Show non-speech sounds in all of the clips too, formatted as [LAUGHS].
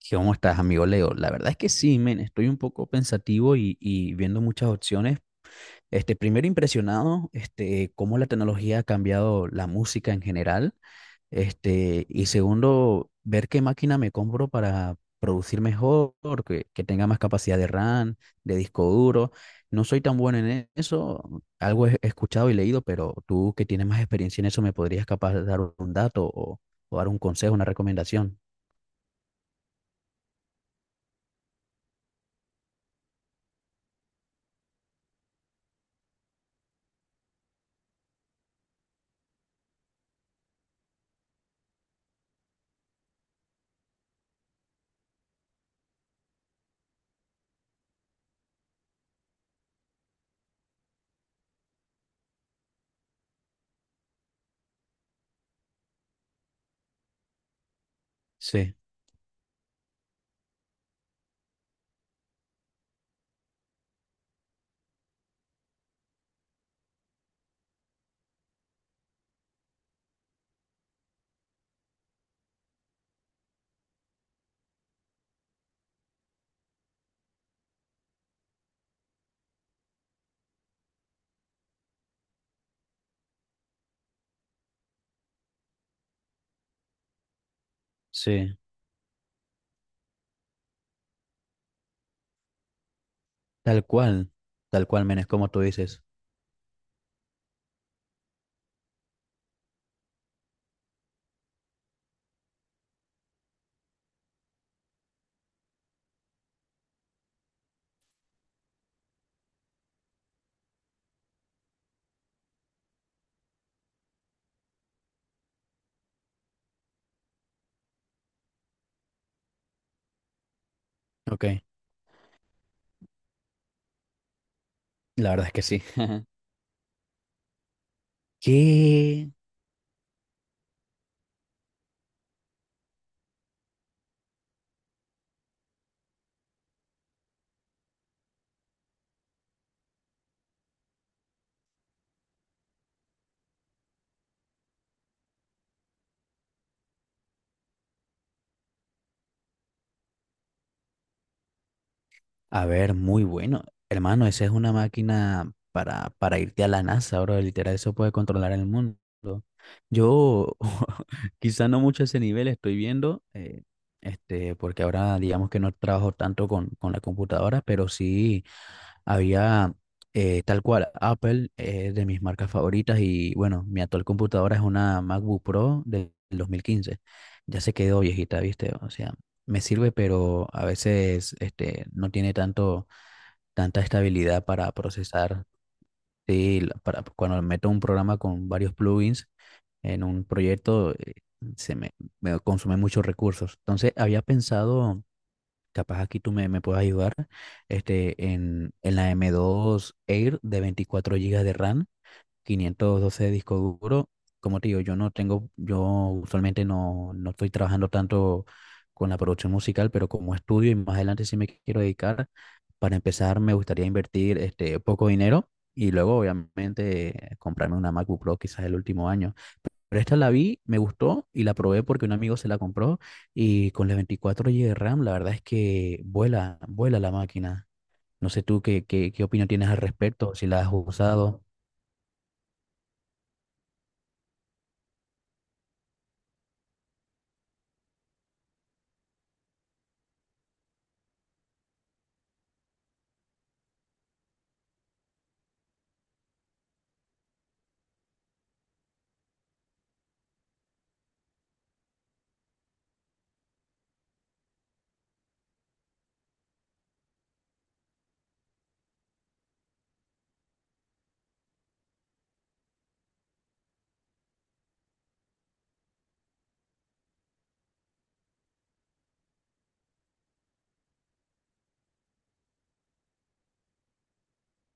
¿Qué ¿Cómo estás, amigo Leo? La verdad es que sí, men, estoy un poco pensativo y viendo muchas opciones. Primero impresionado, cómo la tecnología ha cambiado la música en general. Y segundo, ver qué máquina me compro para producir mejor, que tenga más capacidad de RAM, de disco duro. No soy tan bueno en eso, algo he escuchado y leído, pero tú que tienes más experiencia en eso, ¿me podrías capaz dar un dato o dar un consejo, una recomendación? Sí, sí. Tal cual, tal cual, men, es como tú dices. Ok, la verdad es que sí. [LAUGHS] Que, a ver, muy bueno. Hermano, esa es una máquina para irte a la NASA, bro. Literal, eso puede controlar el mundo. Yo, [LAUGHS] quizá no mucho a ese nivel estoy viendo, porque ahora digamos que no trabajo tanto con la computadora, pero sí. Había tal cual Apple, de mis marcas favoritas y bueno, mi actual computadora es una MacBook Pro del 2015. Ya se quedó viejita, ¿viste? O sea, me sirve, pero a veces no tiene tanto, tanta estabilidad para procesar. Sí, la- para, cuando meto un programa con varios plugins en un proyecto, se me, me consume muchos recursos. Entonces, había pensado. Capaz aquí tú me puedes ayudar. En la M2 Air de 24 GB de RAM, 512 de disco duro. Como te digo, yo no tengo, yo usualmente no estoy trabajando tanto con la producción musical, pero como estudio y más adelante sí me quiero dedicar, para empezar me gustaría invertir poco dinero y luego obviamente comprarme una MacBook Pro quizás el último año. Pero esta la vi, me gustó y la probé porque un amigo se la compró y con las 24 GB de RAM, la verdad es que vuela, vuela la máquina. No sé tú qué opinión tienes al respecto, si la has usado.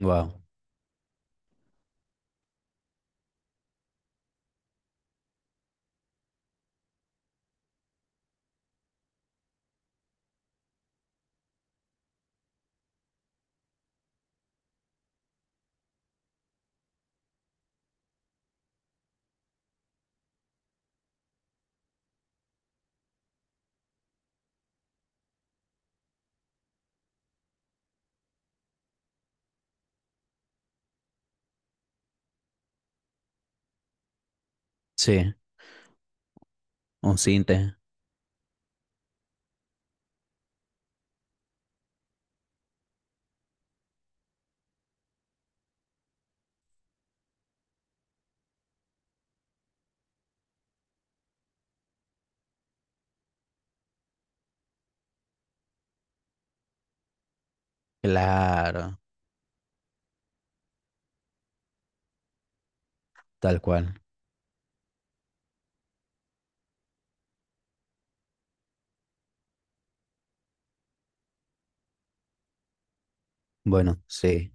Wow, sí, un Sinte, claro, tal cual. Bueno, sí.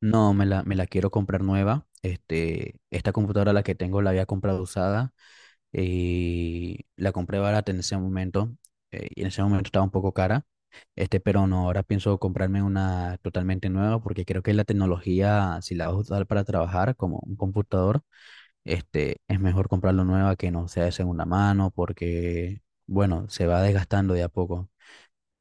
No, me la quiero comprar nueva. Este, esta computadora la que tengo la había comprado usada y la compré barata en ese momento, y en ese momento estaba un poco cara. Pero no, ahora pienso comprarme una totalmente nueva porque creo que la tecnología, si la vas a usar para trabajar como un computador, es mejor comprarlo nueva que no sea de segunda mano porque, bueno, se va desgastando de a poco.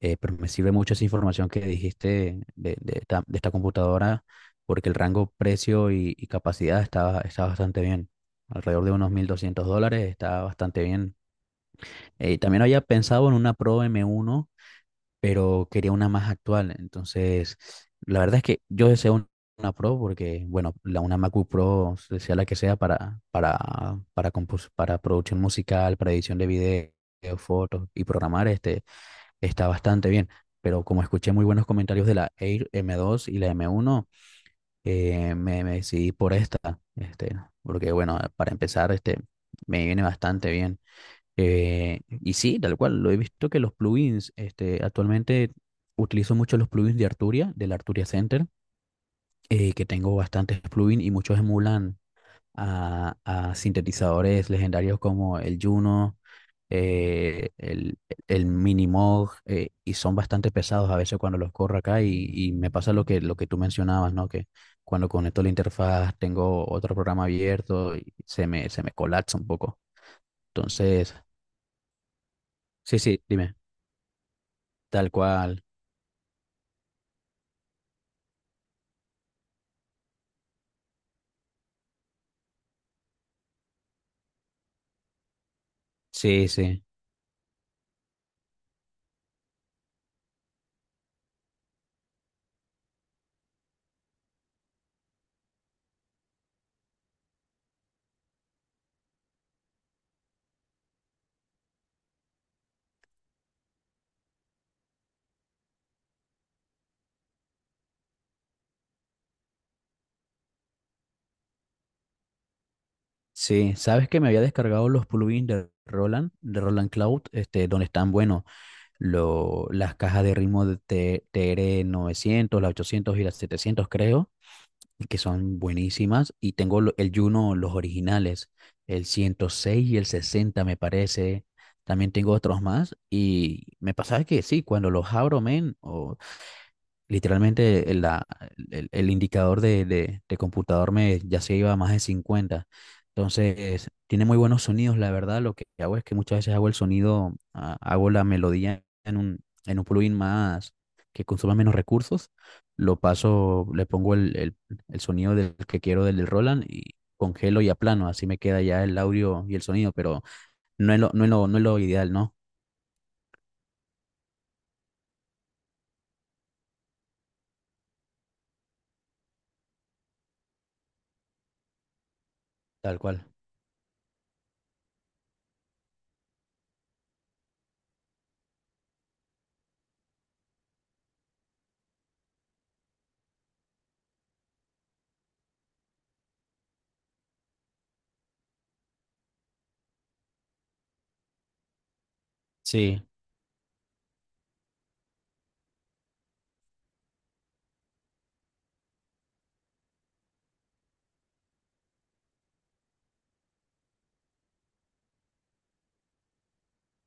Pero me sirve mucho esa información que dijiste de esta computadora porque el rango precio y capacidad está, está bastante bien. Alrededor de unos $1,200 está bastante bien. También había pensado en una Pro M1, pero quería una más actual. Entonces, la verdad es que yo deseo un- una Pro porque, bueno, la, una MacBook Pro, se- sea la que sea, para compos- para producción musical, para edición de video, fotos y programar, está bastante bien. Pero como escuché muy buenos comentarios de la Air M2 y la M1, me decidí por esta, este, porque, bueno, para empezar, me viene bastante bien. Y sí, tal cual, lo he visto que los plugins, actualmente utilizo mucho los plugins de Arturia, del Arturia Center, que tengo bastantes plugins y muchos emulan a sintetizadores legendarios como el Juno, eh, el, el Minimog, y son bastante pesados a veces cuando los corro acá y me pasa lo que tú mencionabas, ¿no? Que cuando conecto la interfaz tengo otro programa abierto y se me colapsa un poco. Entonces, sí, sí, dime, tal cual. Sí, sí, sí. Sabes que me había descargado los plugins de Roland Cloud, este, donde están, bueno, lo- las cajas de ritmo de T- TR900, las 800 y las 700, creo, que son buenísimas. Y tengo lo- el Juno, los originales, el 106 y el 60, me parece. También tengo otros más. Y me pasaba que sí, cuando los abro, men, literalmente el, la- el indicador de computador me ya se iba a más de 50. Entonces, tiene muy buenos sonidos, la verdad. Lo que hago es que muchas veces hago el sonido, ah, hago la melodía en un plugin más que consuma menos recursos. Lo paso, le pongo el sonido del que quiero del, del Roland y congelo y aplano. Así me queda ya el audio y el sonido, pero no es lo ideal, ¿no? Tal cual. Sí,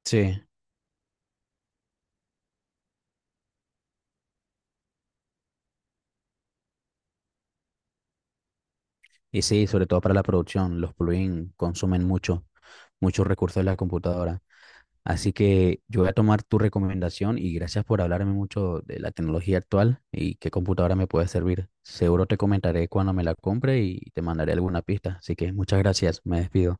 sí. Y sí, sobre todo para la producción, los plugins consumen mucho, muchos recursos de la computadora. Así que yo voy a tomar tu recomendación y gracias por hablarme mucho de la tecnología actual y qué computadora me puede servir. Seguro te comentaré cuando me la compre y te mandaré alguna pista. Así que muchas gracias, me despido.